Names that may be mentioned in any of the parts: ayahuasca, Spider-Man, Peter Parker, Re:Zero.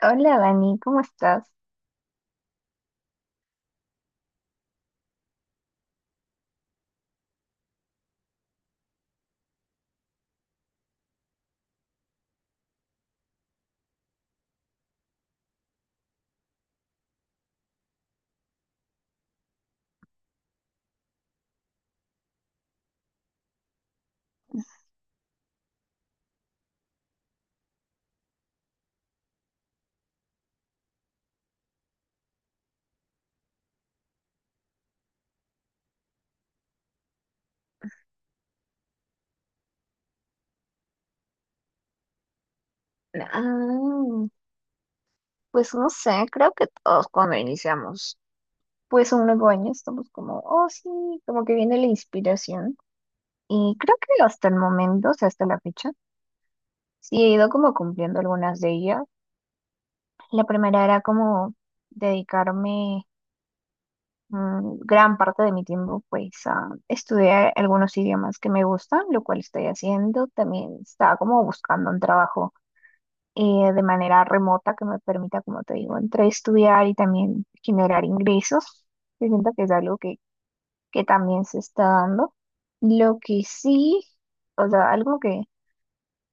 Hola Dani, ¿cómo estás? Ah, pues no sé, creo que todos cuando iniciamos pues un nuevo año estamos como, oh sí, como que viene la inspiración. Y creo que hasta el momento, o sea, hasta la fecha, sí he ido como cumpliendo algunas de ellas. La primera era como dedicarme gran parte de mi tiempo pues a estudiar algunos idiomas que me gustan, lo cual estoy haciendo. También estaba como buscando un trabajo de manera remota que me permita, como te digo, entre estudiar y también generar ingresos. Yo siento que es algo que también se está dando. Lo que sí, o sea, algo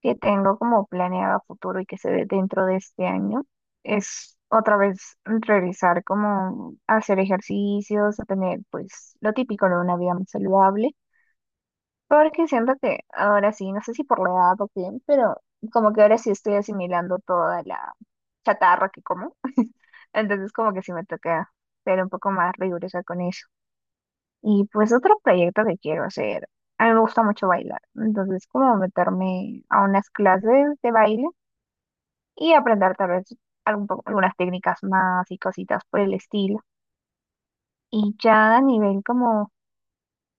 que tengo como planeado a futuro y que se ve dentro de este año es otra vez realizar como a hacer ejercicios, a tener pues lo típico de una vida más saludable porque siento que ahora sí, no sé si por la edad o qué, pero como que ahora sí estoy asimilando toda la chatarra que como. Entonces como que sí me toca ser un poco más rigurosa con eso. Y pues otro proyecto que quiero hacer, a mí me gusta mucho bailar. Entonces como meterme a unas clases de baile y aprender tal vez algunas técnicas más y cositas por el estilo. Y ya a nivel como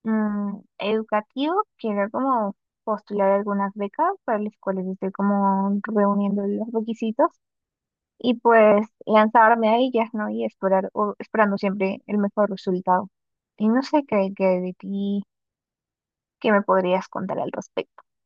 educativo, quiero como postular algunas becas para las cuales estoy como reuniendo los requisitos y pues lanzarme a ellas, ¿no? Y esperar, o esperando siempre el mejor resultado. Y no sé qué, qué de ti, qué me podrías contar al respecto.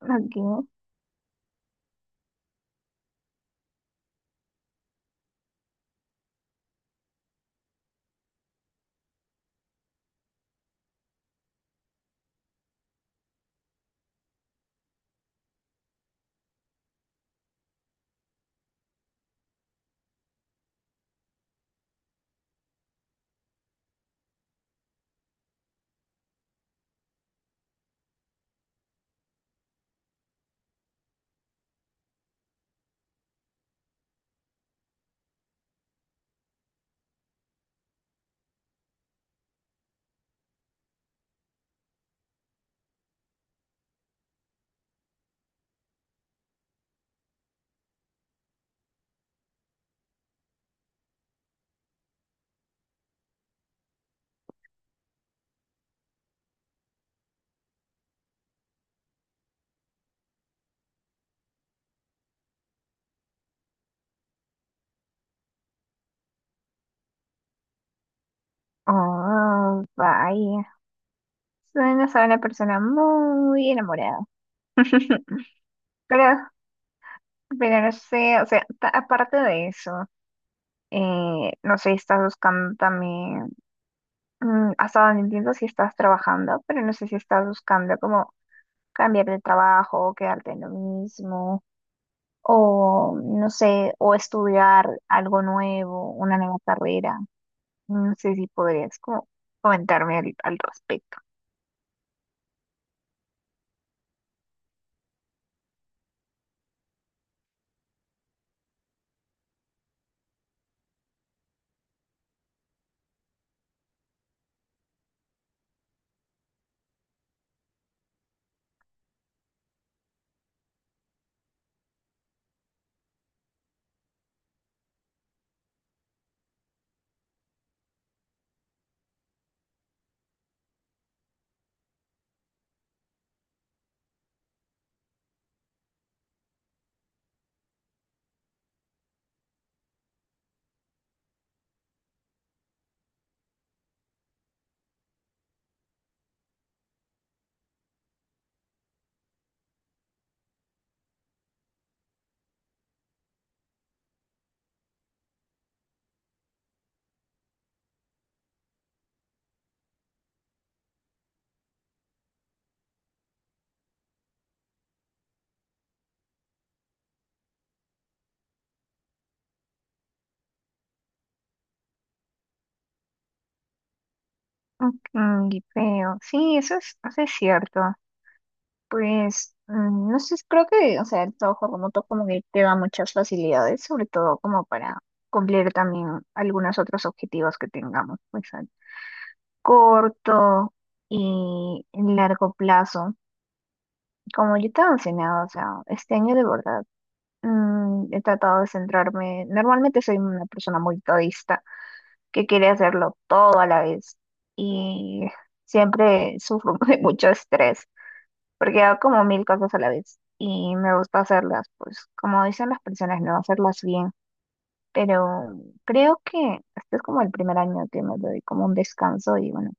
Ok. Oh, vaya. Suenas a una persona muy enamorada. Pero, pero no sé, o sea, aparte de eso, no sé, estás buscando también. Mm, hasta donde entiendo si estás trabajando, pero no sé si estás buscando como cambiar de trabajo, quedarte en lo mismo, o no sé, o estudiar algo nuevo, una nueva carrera. No sé si podrías como comentarme al, al respecto. Mm, y creo, sí, eso es cierto. Pues, no sé, creo que, o sea, el trabajo remoto como que te da muchas facilidades, sobre todo como para cumplir también algunos otros objetivos que tengamos. Pues, corto y largo plazo. Como yo te he mencionado, o sea, este año de verdad he tratado de centrarme. Normalmente soy una persona muy todista que quiere hacerlo todo a la vez y siempre sufro de mucho estrés porque hago como mil cosas a la vez y me gusta hacerlas, pues como dicen las personas, no hacerlas bien. Pero creo que este es como el primer año que me doy como un descanso y bueno.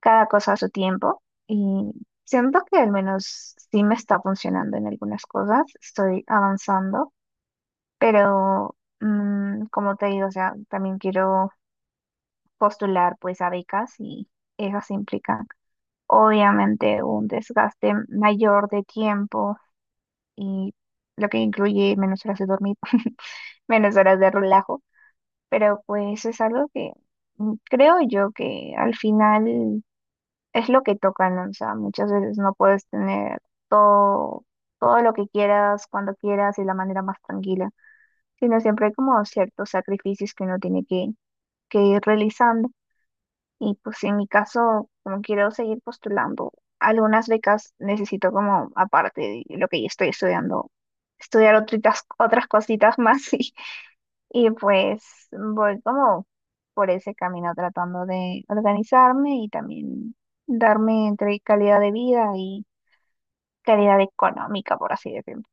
Cada cosa a su tiempo y siento que al menos sí me está funcionando en algunas cosas, estoy avanzando, pero como te digo, o sea, también quiero postular pues a becas y esas implican obviamente un desgaste mayor de tiempo y lo que incluye menos horas de dormir, menos horas de relajo, pero pues es algo que creo yo que al final es lo que tocan, ¿no? O sea, muchas veces no puedes tener todo, todo lo que quieras, cuando quieras y de la manera más tranquila, sino siempre hay como ciertos sacrificios que uno tiene que ir realizando. Y pues en mi caso, como quiero seguir postulando, algunas becas necesito como, aparte de lo que ya estoy estudiando, estudiar otras, otras cositas más. Y pues voy como por ese camino tratando de organizarme y también darme entre calidad de vida y calidad económica, por así decirlo.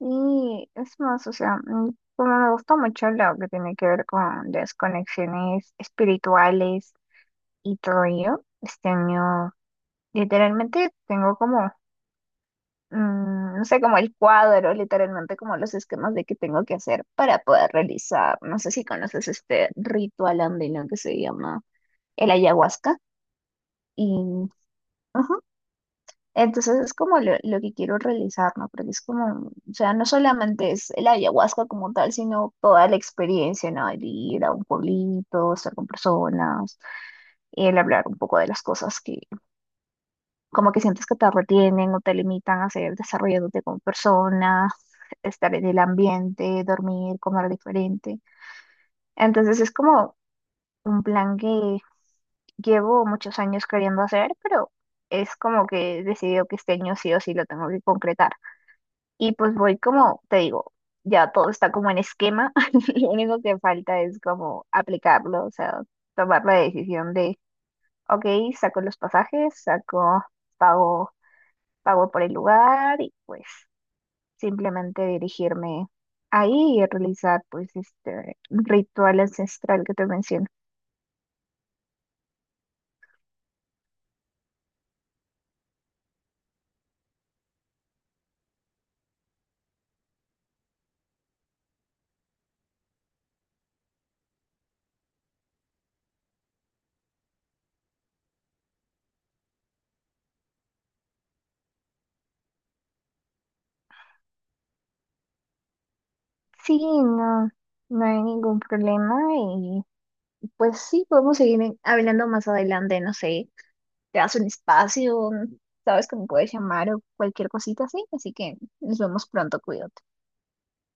Y es más, o sea, como me gusta mucho lo que tiene que ver con las conexiones espirituales y todo ello, este año literalmente tengo como no sé, como el cuadro, literalmente como los esquemas de qué tengo que hacer para poder realizar. No sé si conoces este ritual andino que se llama el ayahuasca. Y, ujú, entonces es como lo que quiero realizar, ¿no? Porque es como, o sea, no solamente es el ayahuasca como tal, sino toda la experiencia, ¿no? El ir a un pueblito, estar con personas, y el hablar un poco de las cosas como que sientes que te retienen o te limitan a seguir desarrollándote como persona, estar en el ambiente, dormir, comer diferente. Entonces es como un plan que llevo muchos años queriendo hacer, pero es como que he decidido que este año sí o sí lo tengo que concretar. Y pues voy como, te digo, ya todo está como en esquema, lo único que falta es como aplicarlo, o sea, tomar la decisión de, ok, saco los pasajes, saco, pago pago por el lugar y pues simplemente dirigirme ahí y realizar pues este ritual ancestral que te menciono. Sí, no, no hay ningún problema y pues sí, podemos seguir hablando más adelante, no sé, te das un espacio, sabes que me puedes llamar o cualquier cosita así, así que nos vemos pronto, cuídate.